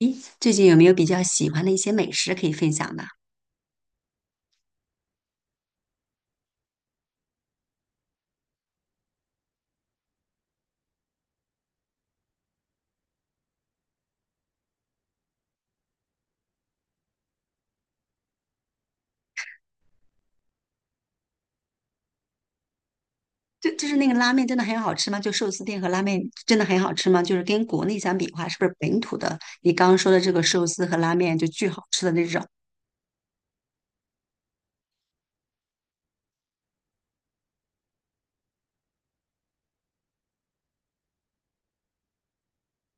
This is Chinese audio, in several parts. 咦，最近有没有比较喜欢的一些美食可以分享的？就是那个拉面真的很好吃吗？就寿司店和拉面真的很好吃吗？就是跟国内相比的话，是不是本土的你刚刚说的这个寿司和拉面就巨好吃的那种？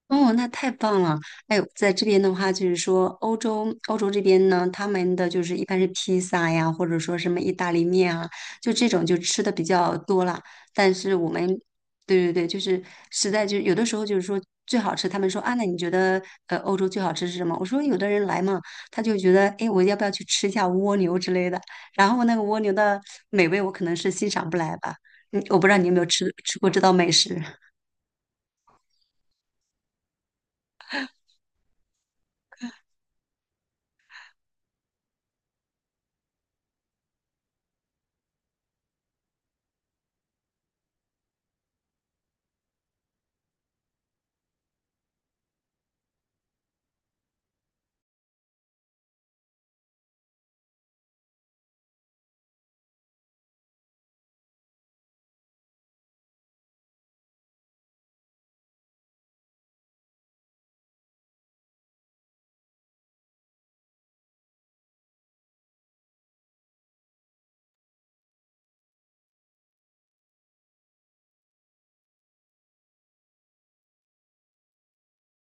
哦，那太棒了！哎呦，在这边的话，就是说欧洲，欧洲这边呢，他们的就是一般是披萨呀，或者说什么意大利面啊，就这种就吃的比较多了。但是我们，对对对，就是实在就有的时候就是说最好吃，他们说啊，那你觉得欧洲最好吃是什么？我说有的人来嘛，他就觉得哎，我要不要去吃一下蜗牛之类的？然后那个蜗牛的美味，我可能是欣赏不来吧。嗯，我不知道你有没有吃过这道美食。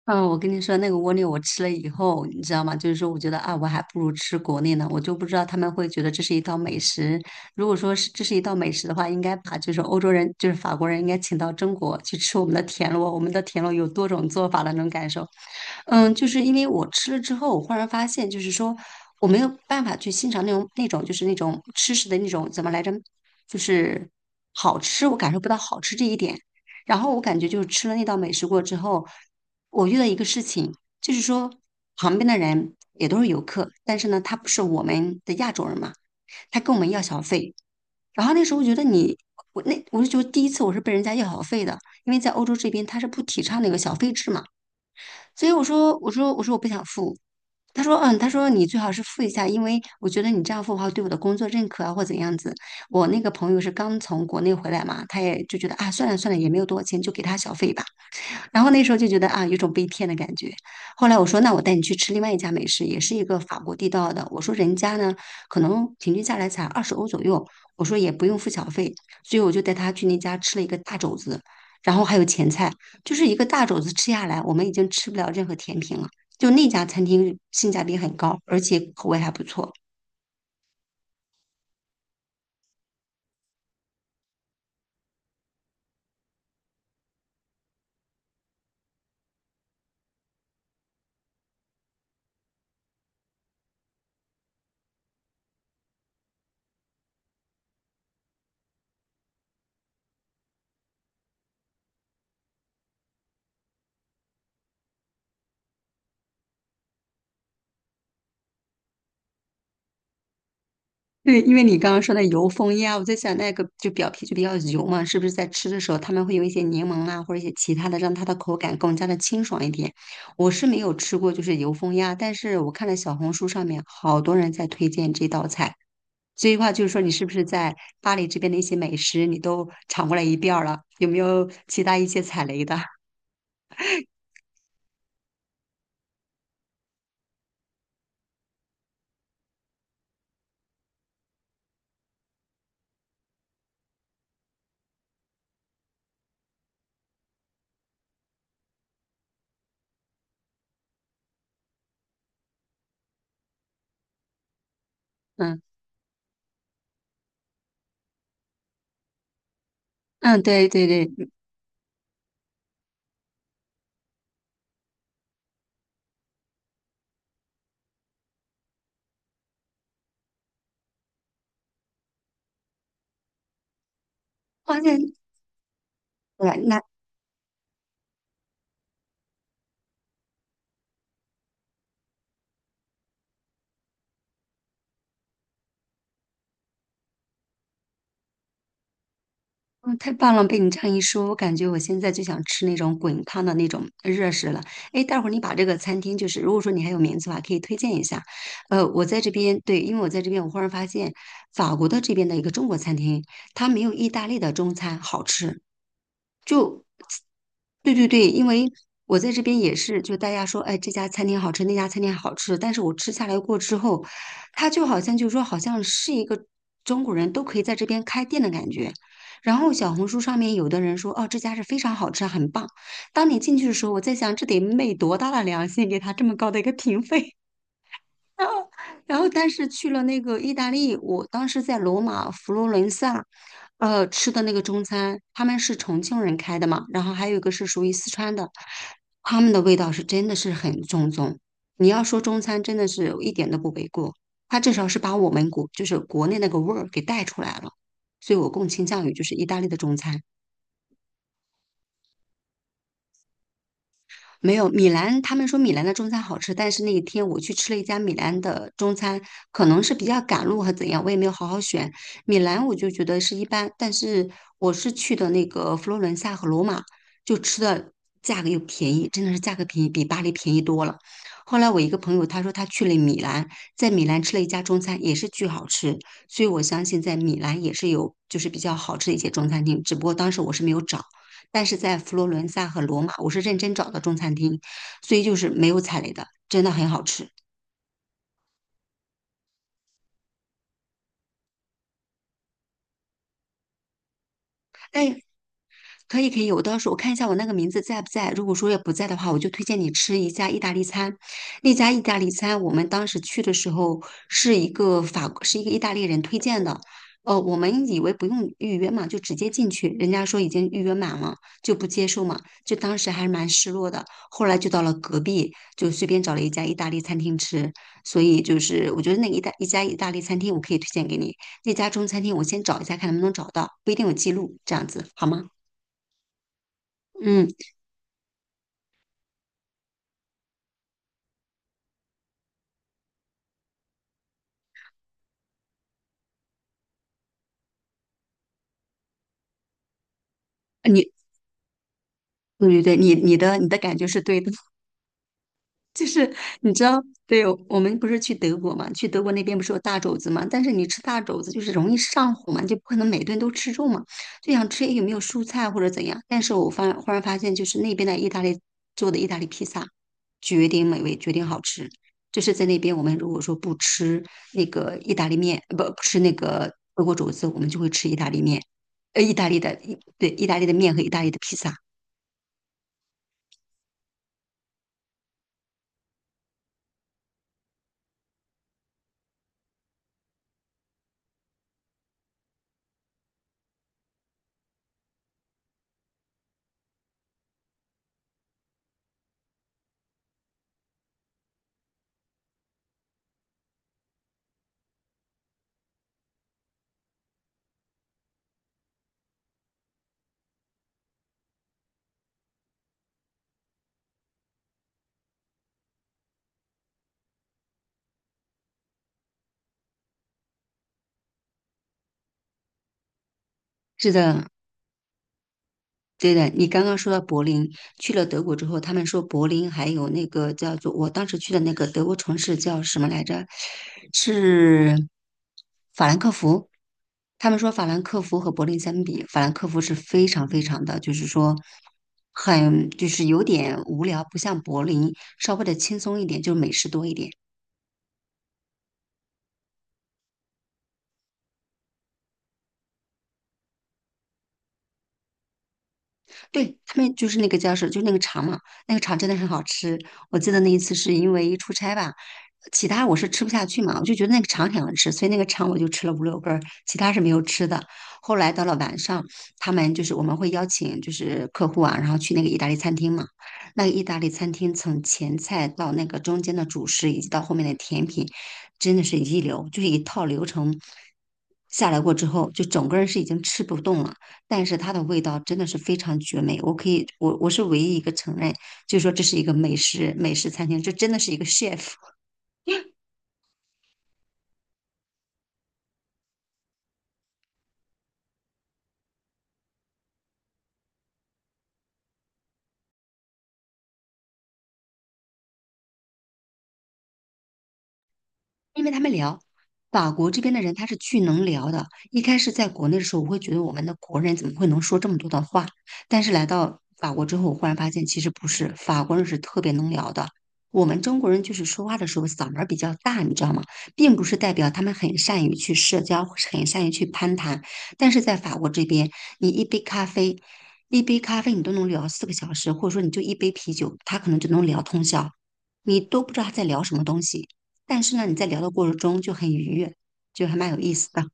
嗯，我跟你说，那个蜗牛我吃了以后，你知道吗？就是说，我觉得啊，我还不如吃国内呢。我就不知道他们会觉得这是一道美食。如果说是这是一道美食的话，应该把就是欧洲人，就是法国人，应该请到中国去吃我们的田螺。我们的田螺有多种做法的，能感受。嗯，就是因为我吃了之后，我忽然发现，就是说我没有办法去欣赏那种就是那种吃食的那种怎么来着，就是好吃，我感受不到好吃这一点。然后我感觉就是吃了那道美食过之后，我遇到一个事情，就是说旁边的人也都是游客，但是呢，他不是我们的亚洲人嘛，他跟我们要小费。然后那时候我觉得你，我那我就觉得第一次我是被人家要小费的，因为在欧洲这边他是不提倡那个小费制嘛，所以我说我不想付。他说，嗯，他说你最好是付一下，因为我觉得你这样付的话，对我的工作认可啊，或怎样子。我那个朋友是刚从国内回来嘛，他也就觉得啊，算了算了，也没有多少钱，就给他小费吧。然后那时候就觉得啊，有一种被骗的感觉。后来我说，那我带你去吃另外一家美食，也是一个法国地道的。我说人家呢，可能平均下来才20欧左右，我说也不用付小费，所以我就带他去那家吃了一个大肘子，然后还有前菜，就是一个大肘子吃下来，我们已经吃不了任何甜品了。就那家餐厅性价比很高，而且口味还不错。对，因为你刚刚说的油封鸭，我在想那个就表皮就比较油嘛，是不是在吃的时候他们会有一些柠檬啊，或者一些其他的，让它的口感更加的清爽一点？我是没有吃过就是油封鸭，但是我看了小红书上面好多人在推荐这道菜，所以话就是说你是不是在巴黎这边的一些美食你都尝过来一遍儿了？有没有其他一些踩雷的？嗯嗯，对对对，发现对，那嗯，太棒了！被你这样一说，我感觉我现在就想吃那种滚烫的那种热食了。哎，待会儿你把这个餐厅，就是如果说你还有名字的话，可以推荐一下。我在这边，对，因为我在这边，我忽然发现法国的这边的一个中国餐厅，它没有意大利的中餐好吃。就对对对，因为我在这边也是，就大家说，哎，这家餐厅好吃，那家餐厅好吃，但是我吃下来过之后，它就好像就是说，好像是一个中国人都可以在这边开店的感觉。然后小红书上面有的人说，哦，这家是非常好吃，很棒。当你进去的时候，我在想，这得昧多大的良心，给他这么高的一个评分？然后但是去了那个意大利，我当时在罗马、佛罗伦萨，吃的那个中餐，他们是重庆人开的嘛，然后还有一个是属于四川的，他们的味道是真的是很正宗。你要说中餐，真的是一点都不为过，它至少是把我们国就是国内那个味儿给带出来了，所以我更倾向于就是意大利的中餐。没有，米兰，他们说米兰的中餐好吃，但是那一天我去吃了一家米兰的中餐，可能是比较赶路还怎样，我也没有好好选。米兰我就觉得是一般，但是我是去的那个佛罗伦萨和罗马，就吃的价格又便宜，真的是价格便宜，比巴黎便宜多了。后来我一个朋友他说他去了米兰，在米兰吃了一家中餐，也是巨好吃，所以我相信在米兰也是有就是比较好吃的一些中餐厅，只不过当时我是没有找。但是在佛罗伦萨和罗马，我是认真找到中餐厅，所以就是没有踩雷的，真的很好吃。但可以可以，我到时候我看一下我那个名字在不在。如果说要不在的话，我就推荐你吃一家意大利餐。那家意大利餐，我们当时去的时候是一个法，是一个意大利人推荐的。我们以为不用预约嘛，就直接进去，人家说已经预约满了，就不接受嘛，就当时还是蛮失落的。后来就到了隔壁，就随便找了一家意大利餐厅吃。所以就是我觉得那一大一家意大利餐厅我可以推荐给你，那家中餐厅我先找一下看能不能找到，不一定有记录，这样子好吗？嗯。你对对对，你的感觉是对的，就是你知道，对我们不是去德国嘛，去德国那边不是有大肘子嘛，但是你吃大肘子就是容易上火嘛，就不可能每顿都吃肉嘛，就想吃诶有没有蔬菜或者怎样。但是我忽然发现，就是那边的意大利做的意大利披萨，绝顶美味，绝顶好吃。就是在那边，我们如果说不吃那个意大利面，不吃那个德国肘子，我们就会吃意大利面，意大利的，对，意大利的面和意大利的披萨。是的，对的，你刚刚说到柏林，去了德国之后，他们说柏林还有那个叫做我当时去的那个德国城市叫什么来着？是法兰克福。他们说法兰克福和柏林相比，法兰克福是非常非常的，就是说很就是有点无聊，不像柏林稍微的轻松一点，就是美食多一点。对，他们就是那个叫什，就是那个肠嘛，那个肠真的很好吃。我记得那一次是因为出差吧，其他我是吃不下去嘛，我就觉得那个肠很好吃，所以那个肠我就吃了5、6根儿，其他是没有吃的。后来到了晚上，他们就是我们会邀请就是客户啊，然后去那个意大利餐厅嘛。那个意大利餐厅从前菜到那个中间的主食，以及到后面的甜品，真的是一流，就是一套流程下来过之后，就整个人是已经吃不动了。但是它的味道真的是非常绝美。我可以，我是唯一一个承认，就是说这是一个美食餐厅，这真的是一个 chef。因为他们聊法国这边的人，他是巨能聊的。一开始在国内的时候，我会觉得我们的国人怎么会能说这么多的话？但是来到法国之后，我忽然发现其实不是，法国人是特别能聊的。我们中国人就是说话的时候嗓门儿比较大，你知道吗？并不是代表他们很善于去社交，很善于去攀谈。但是在法国这边，你一杯咖啡，一杯咖啡你都能聊4个小时，或者说你就一杯啤酒，他可能就能聊通宵，你都不知道他在聊什么东西。但是呢，你在聊的过程中就很愉悦，就还蛮有意思的。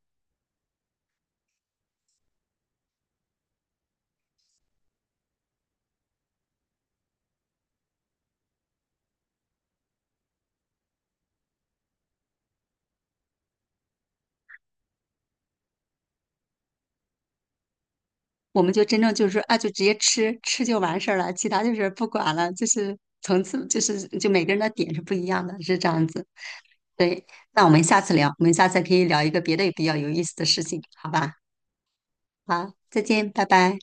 我们就真正就是说啊，就直接吃，吃就完事儿了，其他就是不管了，就是层次，就是就每个人的点是不一样的，是这样子。对，那我们下次聊，我们下次可以聊一个别的比较有意思的事情，好吧？好，再见，拜拜。